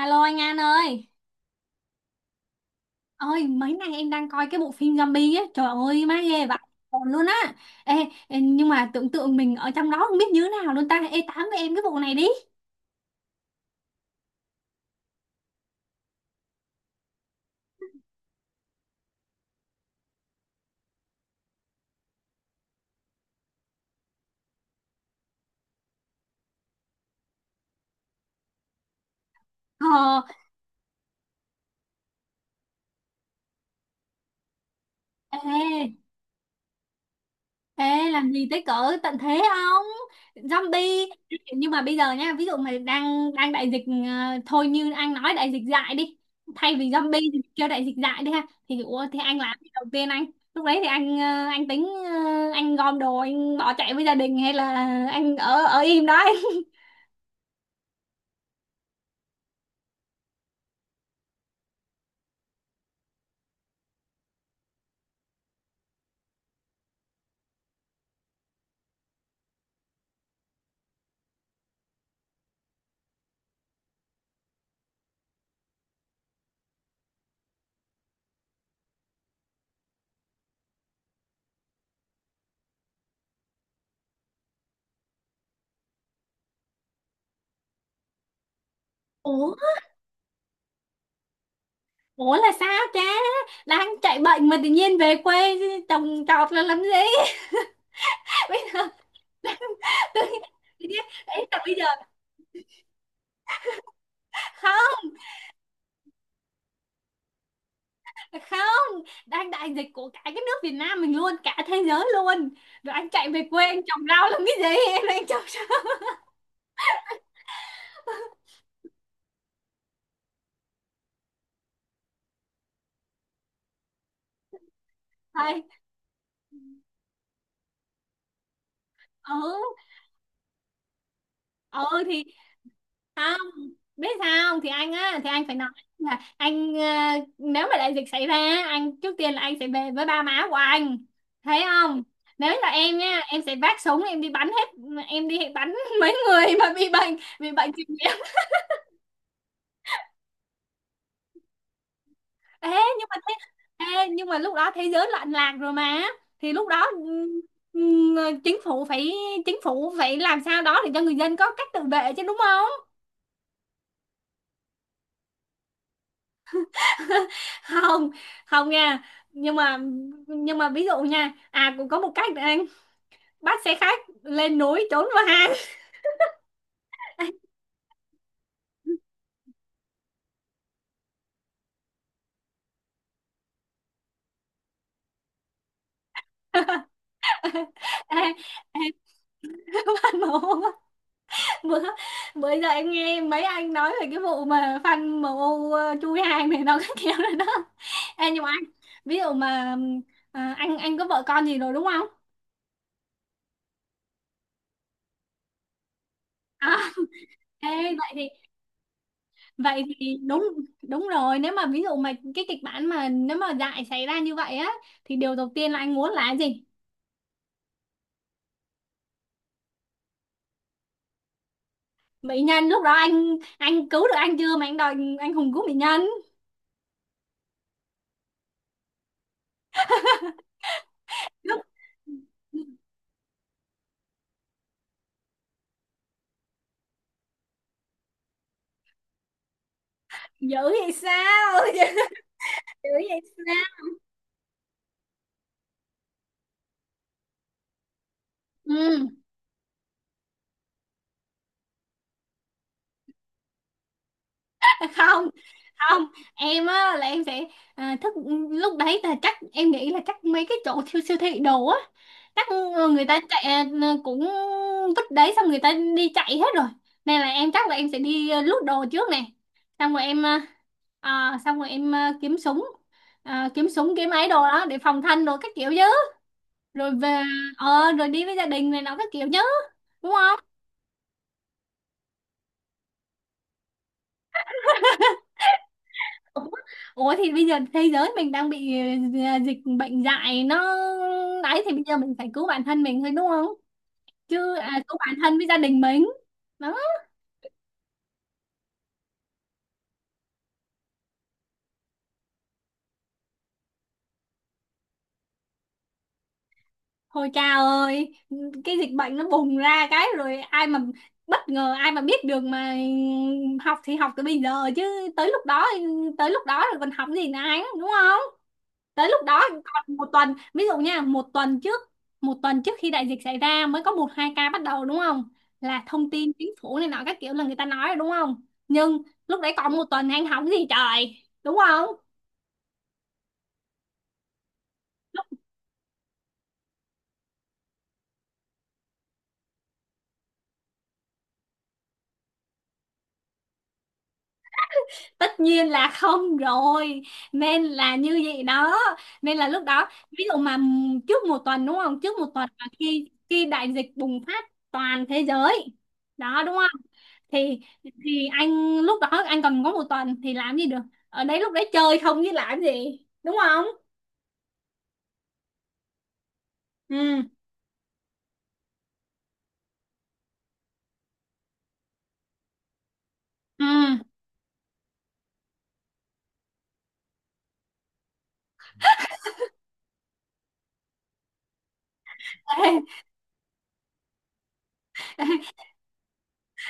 Alo anh An ơi. Ôi, mấy nay em đang coi cái bộ phim zombie ấy. Trời ơi má ghê vậy. Còn luôn á. Ê, ê, nhưng mà tưởng tượng mình ở trong đó không biết như thế nào luôn ta. Ê, tám với em cái bộ này đi. Ờ. Ê. Ê, làm gì tới cỡ tận thế không? Zombie. Nhưng mà bây giờ nha, ví dụ mà đang đang đại dịch, thôi như anh nói đại dịch dại đi. Thay vì zombie thì kêu đại dịch dại đi ha. Thì ủa, thì anh làm gì đầu tiên anh? Lúc đấy thì anh tính, anh gom đồ anh bỏ chạy với gia đình hay là anh ở ở im đó anh? Ủa, ủa, là sao cha? Đang chạy bệnh mà tự nhiên về quê trồng trọt là làm gì? Bây giờ tự nhiên- tự nhiên- ý là bây giờ không không đang đại dịch của cả cái nước Việt Nam mình luôn, cả thế giới luôn. Rồi anh chạy về quê anh trồng rau làm cái gì, em đang trồng rau. Thầy, ừ, ừ thì không biết sao không? Thì anh á, thì anh phải nói là nếu mà đại dịch xảy ra, anh trước tiên là anh sẽ về với ba má của anh, thấy không? Nếu là em nha, em sẽ vác súng em đi bắn hết, em đi bắn mấy người mà bị bệnh, bị bệnh. Ê, nhưng mà thế, ê, nhưng mà lúc đó thế giới loạn lạc rồi mà, thì lúc đó, ừm, chính phủ phải chính phủ phải làm sao đó để cho người dân có cách tự vệ chứ, đúng không? Không, không nha. Nhưng mà nhưng mà ví dụ nha, à cũng có một cách này anh: bắt xe khách lên núi trốn vào hang. ê, ê, phát nổ. Bữa bữa giờ em nghe mấy anh nói về cái vụ mà fan MU chui hàng này nó cái kiểu này đó. Ê, nhưng mà anh, ví dụ mà, anh có vợ con gì rồi đúng không? à ê, vậy thì vậy thì đúng đúng rồi. Nếu mà ví dụ mà cái kịch bản mà nếu mà dại xảy ra như vậy á, thì điều đầu tiên là anh muốn là cái gì? Mỹ nhân lúc đó anh cứu được anh chưa mà anh đòi anh hùng cứu mỹ nhân. Lúc dữ vậy sao? Dữ vậy sao? Ừ. Không, không, em á là em sẽ, à, thức lúc đấy là chắc em nghĩ là chắc mấy cái chỗ siêu siêu thị đồ á chắc, người ta chạy, cũng vứt đấy xong người ta đi chạy hết rồi. Nên là em chắc là em sẽ đi, lút đồ trước nè. Xong rồi em à, à, xong rồi em à, kiếm súng, kiếm súng kiếm ấy đồ đó để phòng thân đồ các kiểu chứ. Rồi về, rồi đi với gia đình này nó các kiểu chứ, đúng không? Ủa thì bây giờ thế giới mình đang bị, dịch bệnh dại nó đấy, thì bây giờ mình phải cứu bản thân mình thôi, đúng không? Chứ, cứu bản thân với gia đình mình. Đó. Hồi cha ơi, cái dịch bệnh nó bùng ra cái rồi ai mà bất ngờ, ai mà biết được mà học, thì học từ bây giờ chứ, tới lúc đó tới lúc đó rồi còn học gì nữa anh, đúng không? Tới lúc đó còn một tuần, ví dụ nha, một tuần trước khi đại dịch xảy ra mới có một hai ca bắt đầu, đúng không? Là thông tin chính phủ này nọ các kiểu là người ta nói rồi, đúng không? Nhưng lúc đấy còn một tuần anh hóng gì trời, đúng không? Tất nhiên là không rồi. Nên là như vậy đó. Nên là lúc đó, ví dụ mà, trước một tuần, đúng không, trước một tuần là khi khi đại dịch bùng phát toàn thế giới đó, đúng không? Thì thì anh lúc đó anh còn có một tuần thì làm gì được, ở đấy lúc đấy chơi không chứ làm gì, đúng không? Ừ, ừ.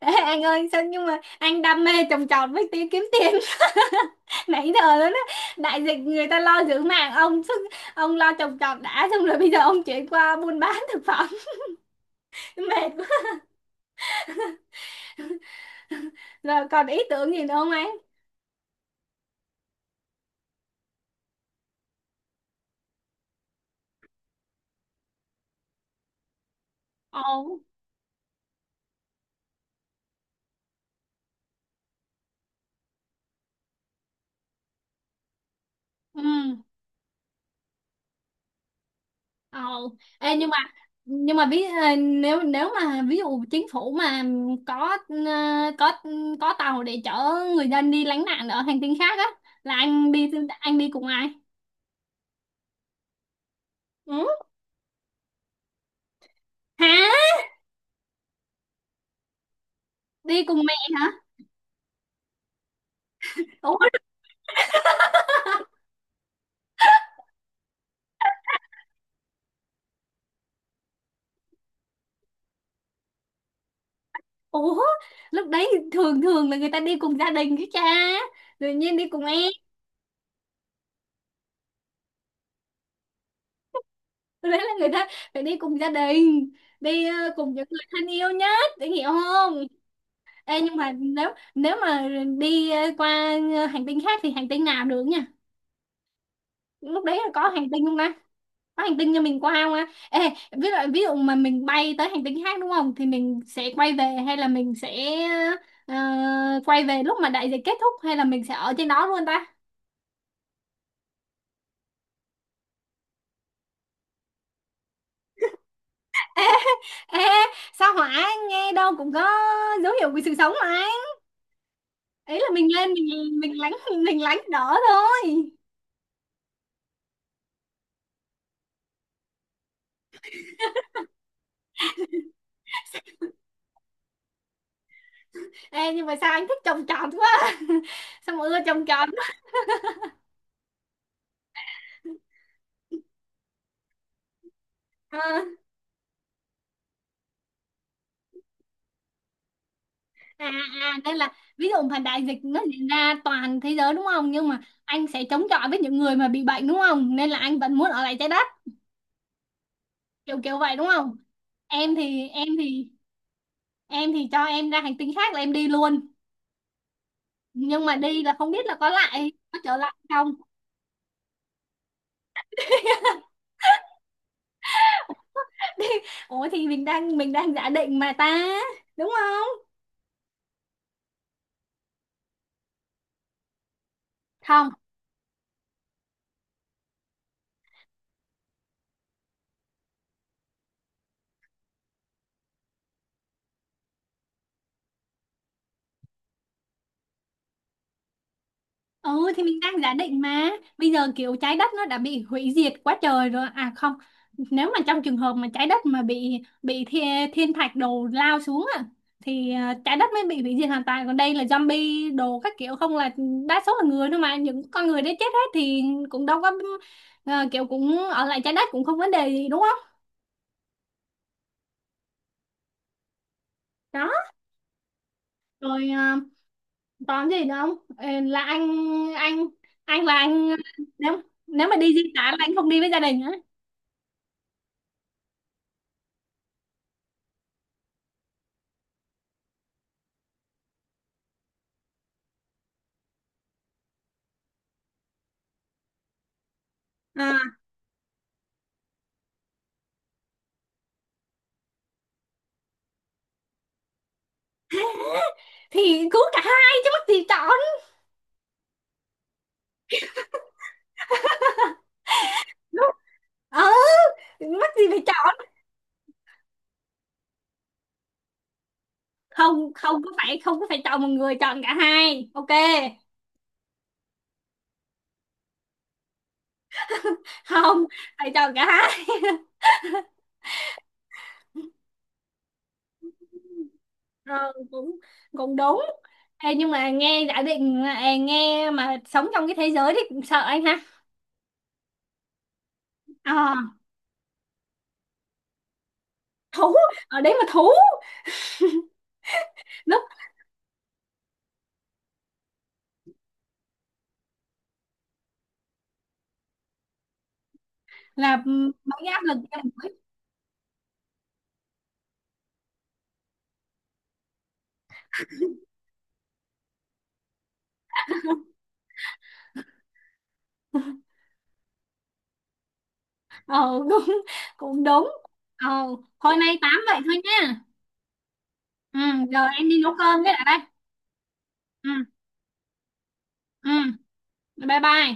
Ê, anh ơi sao nhưng mà anh đam mê trồng trọt với tí kiếm tiền, nãy giờ đó đó, đại dịch người ta lo giữ mạng ông sức, ông lo trồng trọt đã, xong rồi bây giờ ông chuyển qua buôn bán thực phẩm. Mệt quá. Rồi còn ý tưởng gì nữa không anh? Ồ. Ừ. Ồ. Ê, nhưng mà nếu nếu mà ví dụ chính phủ mà có ờ, có tàu để chở người dân đi lánh nạn ở hành tinh khác á, là anh đi. Anh đi cùng ai? Ừ. Hả? Đi cùng mẹ. Hả? Ủa ủa lúc đấy thường thường là người ta đi cùng gia đình cái cha, tự nhiên đi cùng em. Lúc đấy là người ta phải đi cùng gia đình, đi, cùng những người thân yêu nhất để, hiểu không? Ê, nhưng mà nếu nếu mà đi, qua, hành tinh khác, thì hành tinh nào được nha? Lúc đấy là có hành tinh không ta, có hành tinh cho mình qua không á? Ê, ví dụ mà mình bay tới hành tinh khác, đúng không? Thì mình sẽ quay về hay là mình sẽ, quay về lúc mà đại dịch kết thúc, hay là mình sẽ ở trên đó luôn ta? Ê, ê, sao hỏa nghe đâu cũng có dấu hiệu của sự sống mà, anh ý là mình lên mình lánh đỡ thôi. Ê, nhưng mà sao anh thích trồng trọt quá? Sao mà ưa trồng trọt? à, à Nên là ví dụ mà đại dịch nó diễn ra toàn thế giới, đúng không, nhưng mà anh sẽ chống chọi với những người mà bị bệnh, đúng không, nên là anh vẫn muốn ở lại trái đất, kiểu kiểu vậy đúng không? Em thì em thì em thì cho em ra hành tinh khác là em đi luôn. Nhưng mà đi là không biết là có trở lại không. Ủa thì mình đang giả định mà ta, đúng không? Không. Ừ, thì mình đang giả định mà, bây giờ kiểu trái đất nó đã bị hủy diệt quá trời rồi. À không, nếu mà trong trường hợp mà trái đất mà bị thiên thạch đồ lao xuống á, thì, trái đất mới bị hủy diệt hoàn toàn. Còn đây là zombie đồ các kiểu, không, là đa số là người thôi, mà những con người đấy chết hết thì cũng đâu có, kiểu cũng ở lại trái đất cũng không vấn đề gì, đúng không? Đó. Rồi, còn gì nữa không? Ờ, anh là anh, nếu nếu mà đi di tản là anh không đi với gia đình á. à, Thì cứ cả hai chứ mắc gì chọn. Ừ, mắc gì phải chọn. Không, không có phải chọn một người, chọn cả hai. Ok. Không, phải chọn cả hai. Ờ, cũng cũng đúng. Ê, nhưng mà nghe giả định là- ê, nghe mà sống trong cái thế giới thì cũng sợ anh ha. Ờ, thú, ở đấy mà thú, lúc là ừ, mấy cái áp lực em. ờ cũng cũng đúng. ờ Thôi nay tám vậy thôi nha. Ừ, giờ em đi nấu cơm cái đã đây. Ừ, ừ, bye bye.